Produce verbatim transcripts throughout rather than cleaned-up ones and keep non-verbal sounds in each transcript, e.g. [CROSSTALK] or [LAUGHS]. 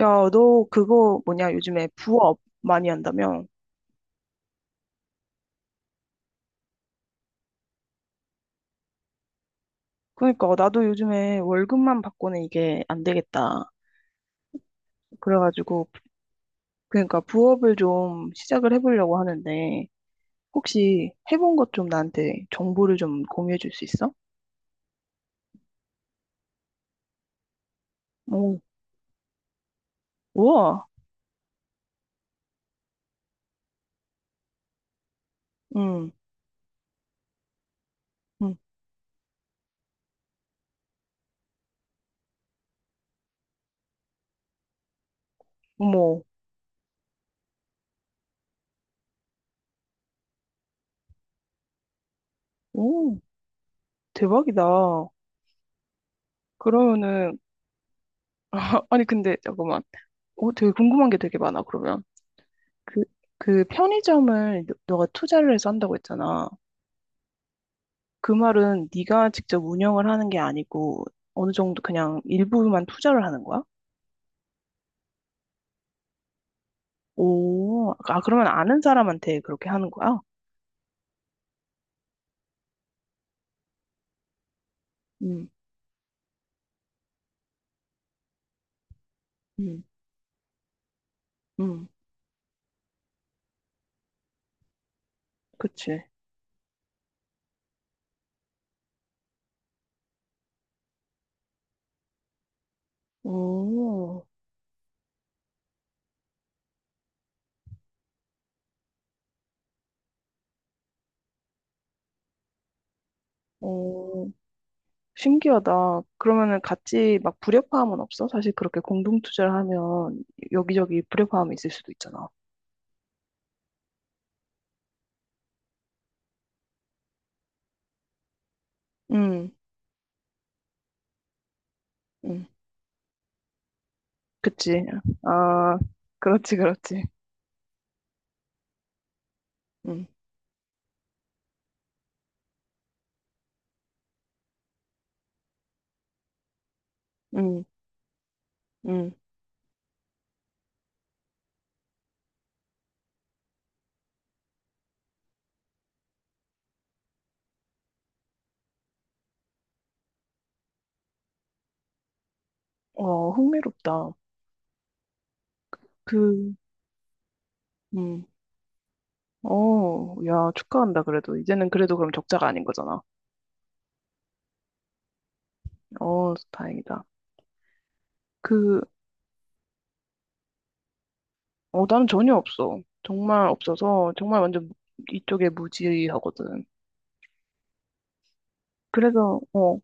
야, 너 그거 뭐냐, 요즘에 부업 많이 한다며? 그러니까, 나도 요즘에 월급만 받고는 이게 안 되겠다. 그래가지고, 그러니까 부업을 좀 시작을 해보려고 하는데, 혹시 해본 것 좀 나한테 정보를 좀 공유해 줄 수 있어? 오, 우와, 응, 응, 어머, 오, 대박이다. 그러면은, 아, 아니, 근데 잠깐만. 오, 되게 궁금한 게 되게 많아, 그러면. 그, 그 편의점을 너- 너가 투자를 해서 한다고 했잖아. 그 말은 네가 직접 운영을 하는 게 아니고 어느 정도 그냥 일부만 투자를 하는 거야? 오, 아, 그러면 아는 사람한테 그렇게 하는 거야? 음, 음, 음, 그치. 오, 오, 신기하다. 그러면은 같이 막 불협화음은 없어? 사실 그렇게 공동 투자를 하면 여기저기 불협화음이 있을 수도 있잖아. 음, 음, 그치. 아, 그렇지, 그렇지. 음, 음, 음. 어, 흥미롭다. 그, 음. 어, 야, 축하한다, 그래도. 이제는 그래도 그럼 적자가 아닌 거잖아. 어, 다행이다. 그, 어, 나는 전혀 없어. 정말 없어서, 정말 완전 이쪽에 무지하거든. 그래서, 어,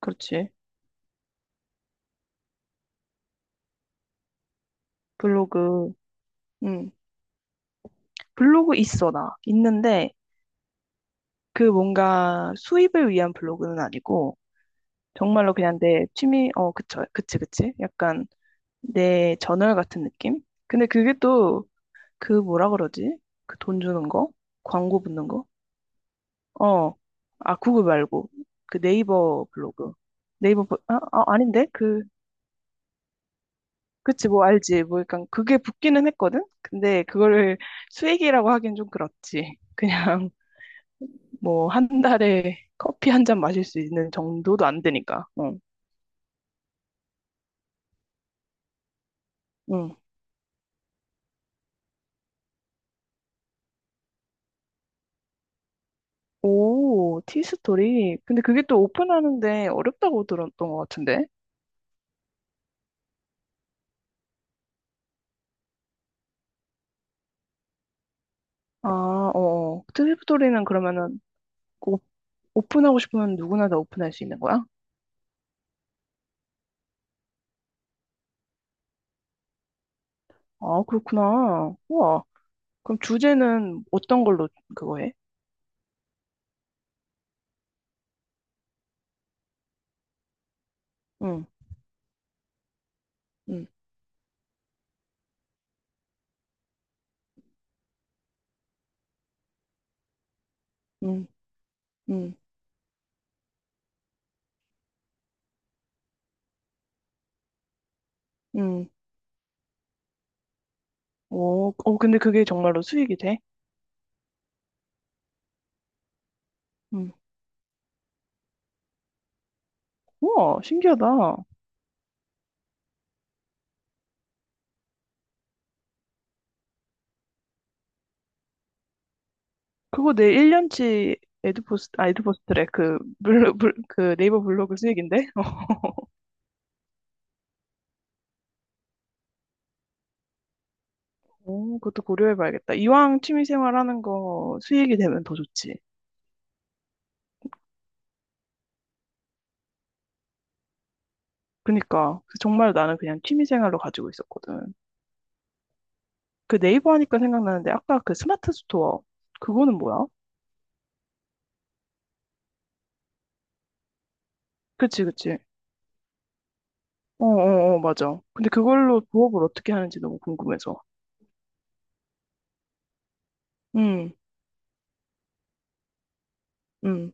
그렇지. 블로그, 음 블로그 있어, 나. 있는데, 그 뭔가 수입을 위한 블로그는 아니고, 정말로 그냥 내 취미, 어, 그쵸, 그치, 그치. 약간 내 저널 같은 느낌? 근데 그게 또, 그 뭐라 그러지? 그 돈 주는 거? 광고 붙는 거? 어, 아, 구글 말고. 그 네이버 블로그. 네이버, 버- 아, 아, 아닌데? 그, 그치, 뭐, 알지. 뭐, 약간, 그게 붙기는 했거든? 근데, 그거를 수익이라고 하긴 좀 그렇지. [LAUGHS] 그냥, 뭐, 한 달에 커피 한 잔 마실 수 있는 정도도 안 되니까. 어 응. 오, 티스토리. 근데 그게 또 오픈하는데 어렵다고 들었던 것 같은데? 아, 어, 어. 티스토리는 그러면은, 오- 오픈하고 싶으면 누구나 다 오픈할 수 있는 거야? 아, 그렇구나. 우와. 그럼 주제는 어떤 걸로 그거 해? 응, 응, 응, 응, 응. 오, 어, 근데 그게 정말로 수익이 돼? 응. 우와, 신기하다. 그거 내 일 년치 에드포스, 아, 에드포스트래. 그, 블로, 블, 그 네이버 블로그 수익인데? 오, 그것도 고려해봐야겠다. 이왕 취미생활 하는 거 수익이 되면 더 좋지. 그니까. 그래서 정말 나는 그냥 취미생활로 가지고 있었거든. 그 네이버 하니까 생각나는데, 아까 그 스마트 스토어. 그거는 뭐야? 그치, 그치. 어, 어, 어, 맞아. 근데 그걸로 부업을 어떻게 하는지 너무 궁금해서. 응 응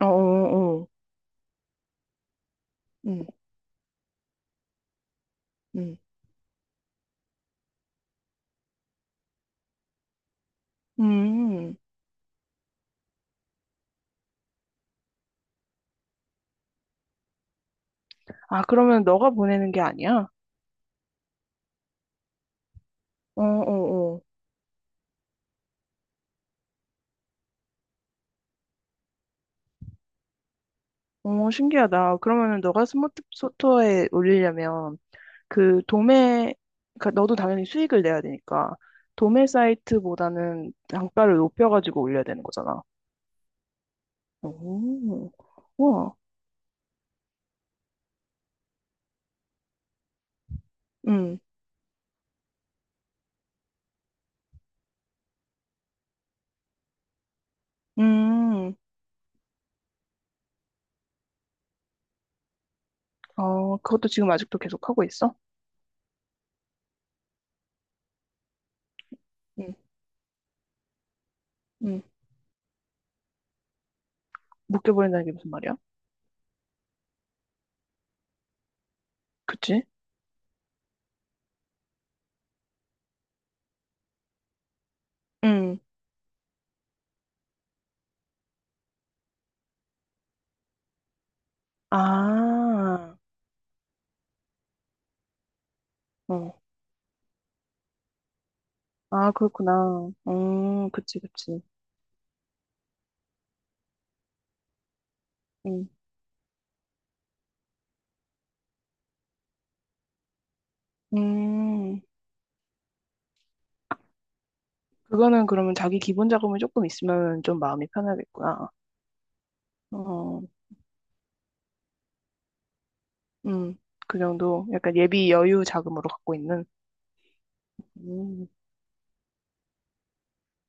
어, 어, 어, 응, 응. 음. 아, 그러면 너가 보내는 게 아니야? 어, 어, 어. 어, 신기하다. 그러면은 너가 스마트 스토어에 올리려면 그 도매, 그러니까 너도 당연히 수익을 내야 되니까 도매 사이트보다는 단가를 높여가지고 올려야 되는 거잖아. 오, 우와. 응, 음, 어, 그것도 지금 아직도 계속 하고 있어? 응, 응. 묶여버린다는 게 무슨 말이야? 그치? 응, 아, 어. 아, 그렇구나. 음, 그치, 그치. 음. 음, 그거는 그러면 자기 기본 자금이 조금 있으면 좀 마음이 편하겠구나. 어, 음, 그 정도 약간 예비 여유 자금으로 갖고 있는. 음,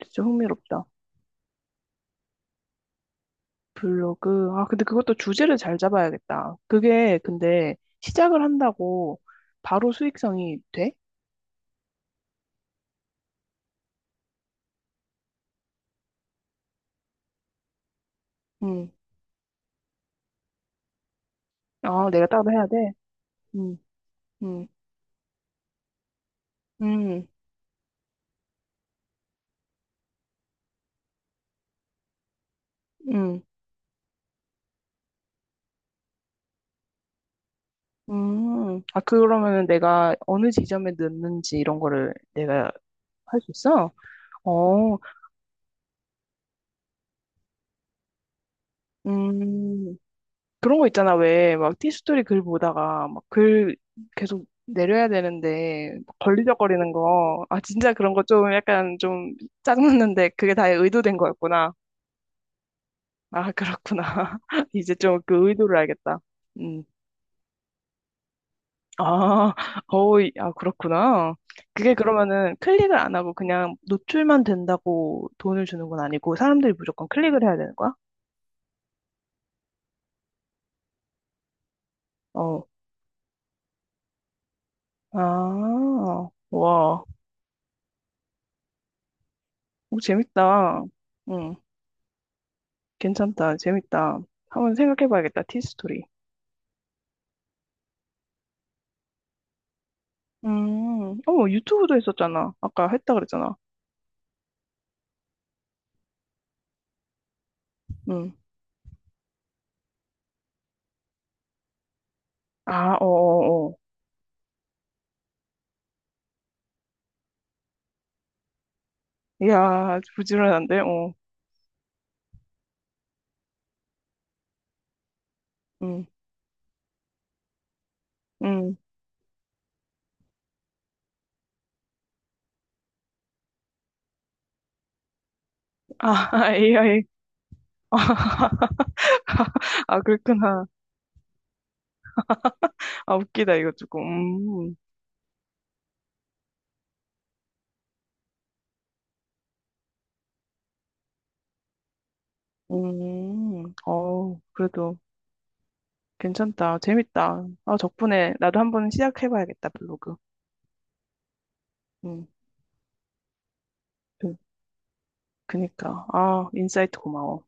진짜 흥미롭다. 블로그. 아, 근데 그것도 주제를 잘 잡아야겠다. 그게 근데 시작을 한다고 바로 수익성이 돼? 음, 아, 내가 따로 해야 돼? 음. 음, 음. 음, 음. 아, 그러면은 내가 어느 지점에 넣는지 이런 거를 내가 할 수 있어? 어, 음, 그런 거 있잖아. 왜, 막, 티스토리 글 보다가, 막, 글 계속 내려야 되는데, 막 걸리적거리는 거. 아, 진짜 그런 거 좀 약간 좀 짜증났는데, 그게 다 의도된 거였구나. 아, 그렇구나. [LAUGHS] 이제 좀 그 의도를 알겠다. 음. 아, 어이, 아, 그렇구나. 그게 그러면은 클릭을 안 하고 그냥 노출만 된다고 돈을 주는 건 아니고 사람들이 무조건 클릭을 해야 되는 거야? 어. 아, 와. 오, 재밌다. 응, 괜찮다. 재밌다. 한번 생각해 봐야겠다. 티스토리. 음, 어머, 유튜브도 했었잖아. 아까 했다 그랬잖아. 응. 아, 어어어. 이야, 부지런한데? 어. 응, 응. 아, [LAUGHS] 에이아이. [LAUGHS] 아, 그렇구나. 아, 웃기다, 이거 조금. 음, 음, 어, 그래도 괜찮다. 재밌다. 아, 덕분에 나도 한번 시작해봐야겠다, 블로그. 음, 그, 그니까. 아, 인사이트 고마워.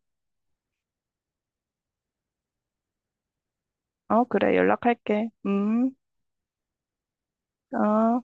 어, 그래, 연락할게. 음, 아.